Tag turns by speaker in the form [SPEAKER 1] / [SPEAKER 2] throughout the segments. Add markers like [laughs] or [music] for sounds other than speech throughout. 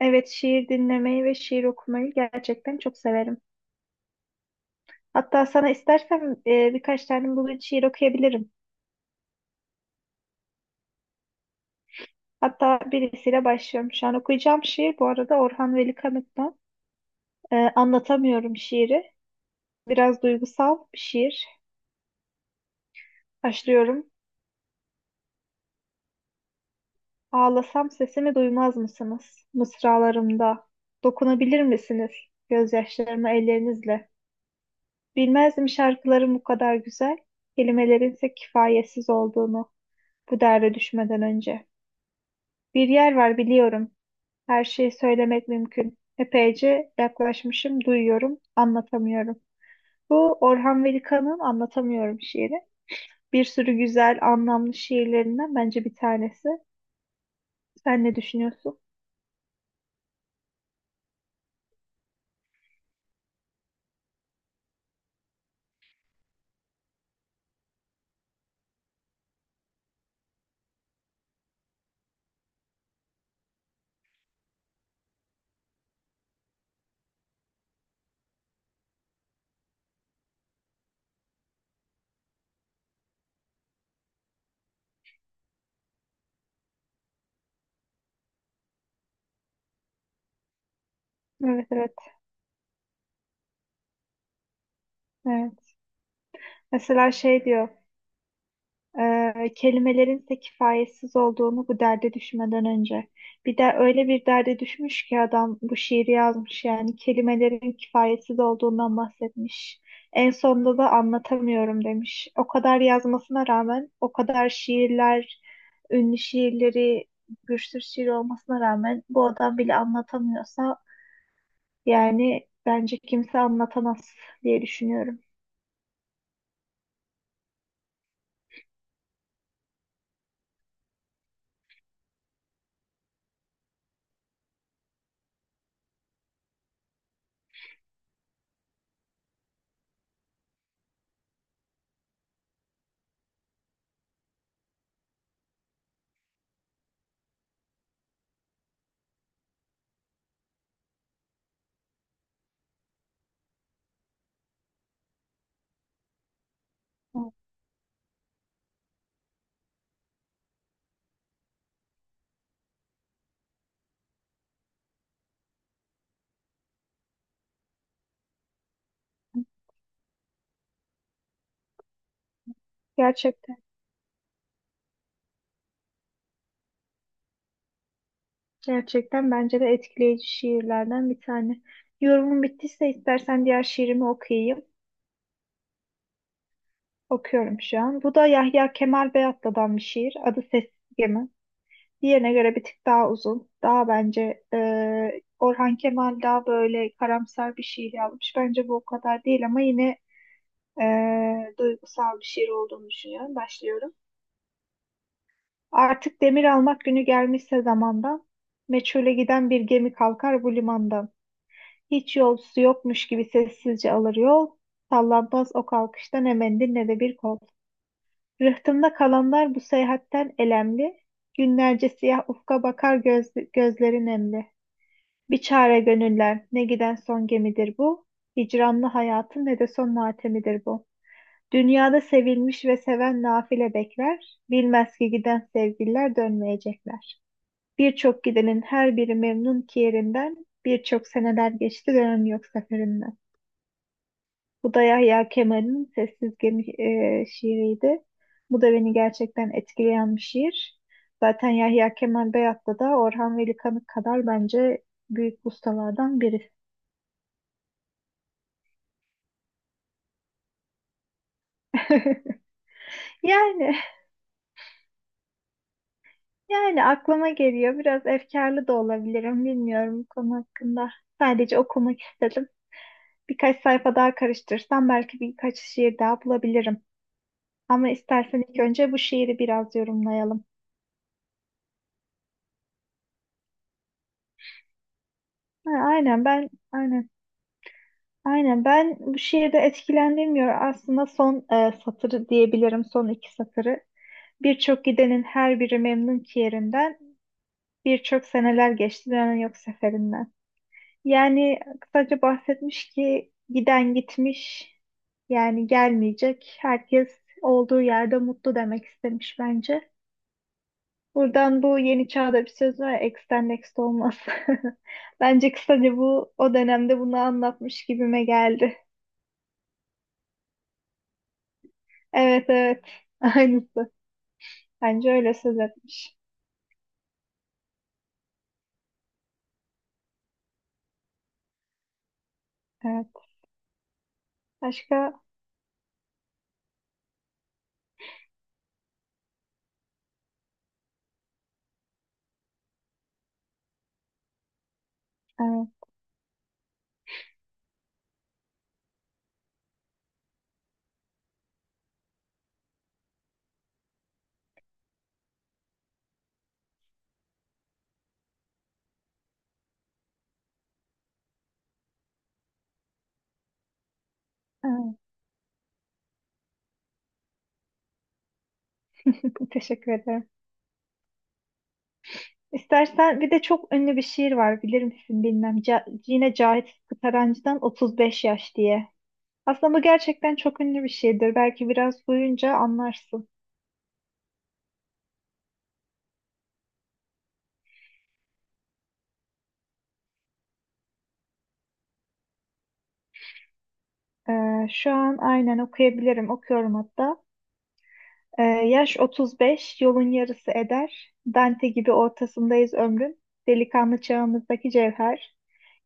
[SPEAKER 1] Evet, şiir dinlemeyi ve şiir okumayı gerçekten çok severim. Hatta sana istersen birkaç tane bugün şiir okuyabilirim. Hatta birisiyle başlıyorum. Şu an okuyacağım şiir bu arada Orhan Veli Kanık'tan. Anlatamıyorum şiiri. Biraz duygusal bir şiir. Başlıyorum. Ağlasam sesimi duymaz mısınız? Mısralarımda. Dokunabilir misiniz? Gözyaşlarımı ellerinizle. Bilmezdim şarkıların bu kadar güzel, kelimelerinse kifayetsiz olduğunu bu derde düşmeden önce. Bir yer var biliyorum. Her şeyi söylemek mümkün. Epeyce yaklaşmışım, duyuyorum, anlatamıyorum. Bu Orhan Veli-Kanık'ın Anlatamıyorum şiiri. Bir sürü güzel, anlamlı şiirlerinden bence bir tanesi. Sen ne düşünüyorsun? Evet, evet. Evet. Mesela şey diyor, kelimelerin ise kifayetsiz olduğunu bu derde düşmeden önce. Bir de öyle bir derde düşmüş ki adam bu şiiri yazmış, yani kelimelerin kifayetsiz olduğundan bahsetmiş. En sonunda da anlatamıyorum demiş. O kadar yazmasına rağmen, o kadar şiirler, ünlü şiirleri, bir sürü şiir olmasına rağmen bu adam bile anlatamıyorsa yani bence kimse anlatamaz diye düşünüyorum. Gerçekten. Gerçekten bence de etkileyici şiirlerden bir tane. Yorumun bittiyse istersen diğer şiirimi okuyayım. Okuyorum şu an. Bu da Yahya Kemal Beyatlı'dan bir şiir. Adı Sessiz Gemi. Diğerine göre bir tık daha uzun. Daha bence Orhan Kemal daha böyle karamsar bir şiir yazmış. Bence bu o kadar değil ama yine e, duygusal bir şiir olduğunu düşünüyorum. Başlıyorum. Artık demir almak günü gelmişse zamandan, meçhule giden bir gemi kalkar bu limandan. Hiç yolcusu yokmuş gibi sessizce alır yol. Sallanmaz o kalkıştan emendin ne de bir kol. Rıhtımda kalanlar bu seyahatten elemli. Günlerce siyah ufka bakar göz, gözleri nemli. Bir çare gönüller ne giden son gemidir bu. Hicranlı hayatın ne de son matemidir bu. Dünyada sevilmiş ve seven nafile bekler. Bilmez ki giden sevgililer dönmeyecekler. Birçok gidenin her biri memnun ki yerinden. Birçok seneler geçti dönem yok seferinden. Bu da Yahya Kemal'in Sessiz Gemi şiiriydi. Bu da beni gerçekten etkileyen bir şiir. Zaten Yahya Kemal Beyat'ta da Orhan Veli Kanık kadar bence büyük ustalardan biri. [laughs] Yani yani aklıma geliyor. Biraz efkarlı da olabilirim. Bilmiyorum bu konu hakkında. Sadece okumak istedim. Birkaç sayfa daha karıştırsam belki birkaç şiir daha bulabilirim. Ama istersen ilk önce bu şiiri biraz yorumlayalım. Ha, Aynen ben bu şiirde etkilendirmiyor aslında son satırı diyebilirim, son iki satırı. Birçok gidenin her biri memnun ki yerinden, birçok seneler geçti dönen yok seferinden. Yani kısaca bahsetmiş ki giden gitmiş, yani gelmeyecek. Herkes olduğu yerde mutlu demek istemiş bence. Buradan bu yeni çağda bir söz var ya, ex'ten next olmaz. [laughs] Bence kısaca bu o dönemde bunu anlatmış gibime geldi. Evet, evet. [laughs] Aynısı. Bence öyle söz etmiş. Evet. Başka? Evet. Evet. [laughs] Teşekkür ederim. İstersen bir de çok ünlü bir şiir var, bilir misin bilmem. Ca yine Cahit Sıtkı Tarancı'dan 35 yaş diye. Aslında bu gerçekten çok ünlü bir şiirdir. Belki biraz duyunca anlarsın. Şu an aynen okuyabilirim. Okuyorum hatta. Yaş 35, yolun yarısı eder. Dante gibi ortasındayız ömrün. Delikanlı çağımızdaki cevher.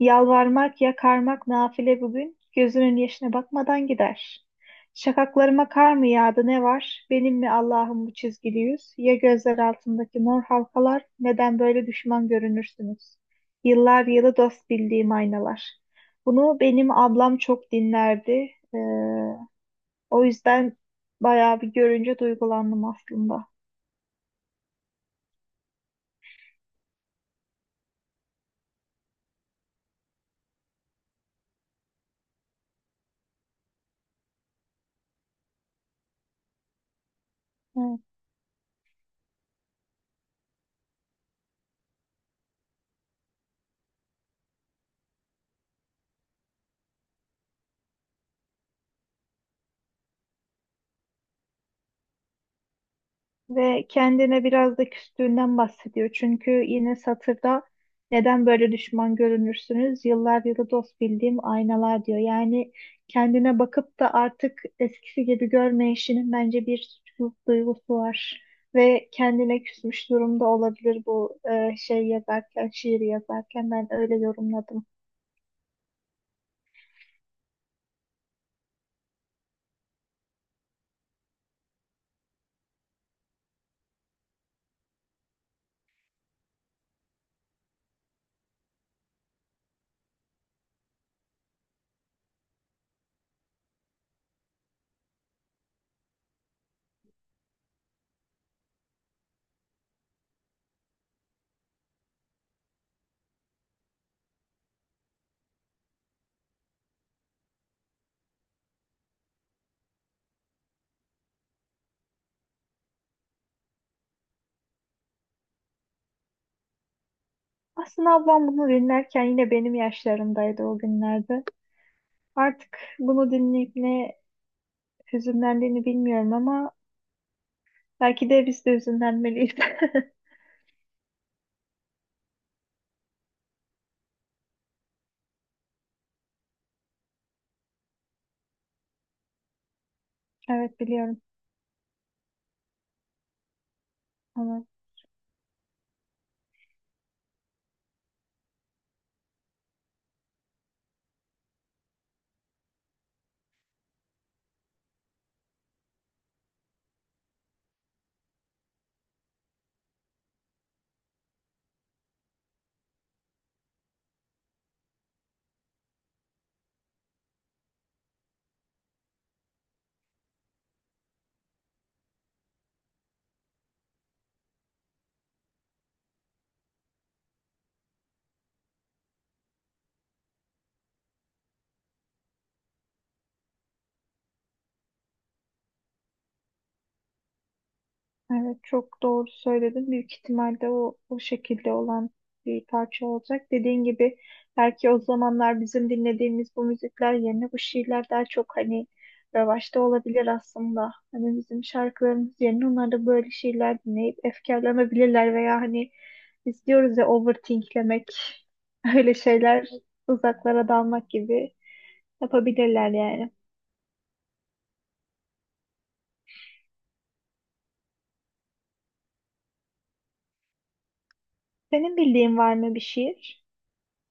[SPEAKER 1] Yalvarmak, yakarmak nafile bugün. Gözünün yaşına bakmadan gider. Şakaklarıma kar mı yağdı ne var? Benim mi Allah'ım bu çizgili yüz? Ya gözler altındaki mor halkalar? Neden böyle düşman görünürsünüz? Yıllar yılı dost bildiğim aynalar. Bunu benim ablam çok dinlerdi. Ee, O yüzden bayağı bir görünce duygulandım aslında. Evet. Ve kendine biraz da küstüğünden bahsediyor. Çünkü yine satırda neden böyle düşman görünürsünüz? Yıllar yılı dost bildiğim aynalar diyor. Yani kendine bakıp da artık eskisi gibi görmeyişinin bence bir suçluluk duygusu var. Ve kendine küsmüş durumda olabilir, bu şey yazarken, şiiri yazarken ben öyle yorumladım. Aslında ablam bunu dinlerken yine benim yaşlarımdaydı o günlerde. Artık bunu dinleyip ne hüzünlendiğini bilmiyorum, ama belki de biz de hüzünlenmeliyiz. [laughs] Evet, biliyorum. Onu evet, çok doğru söyledin. Büyük ihtimalle o şekilde olan bir parça olacak. Dediğin gibi belki o zamanlar bizim dinlediğimiz bu müzikler yerine bu şiirler daha çok hani revaçta olabilir aslında. Hani bizim şarkılarımız yerine onlar da böyle şiirler dinleyip efkarlanabilirler, veya hani biz diyoruz ya overthinklemek [laughs] öyle şeyler, uzaklara dalmak gibi yapabilirler yani. Senin bildiğin var mı bir şiir?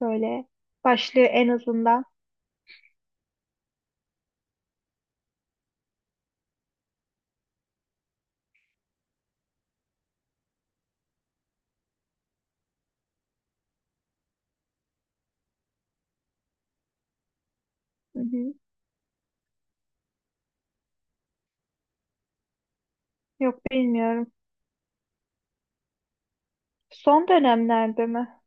[SPEAKER 1] Böyle başlığı en azından. Hı hı. Yok, bilmiyorum. Son dönemlerde mi?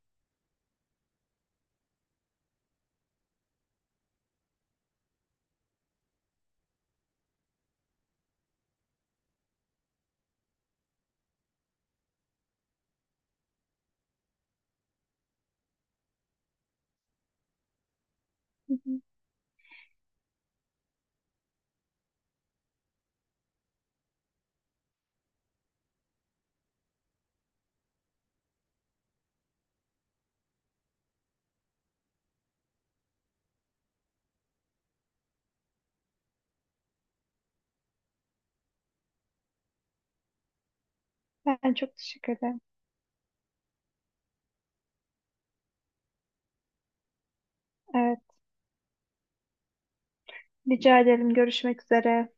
[SPEAKER 1] Hı hı. Ben çok teşekkür ederim. Evet. Rica ederim. Görüşmek üzere.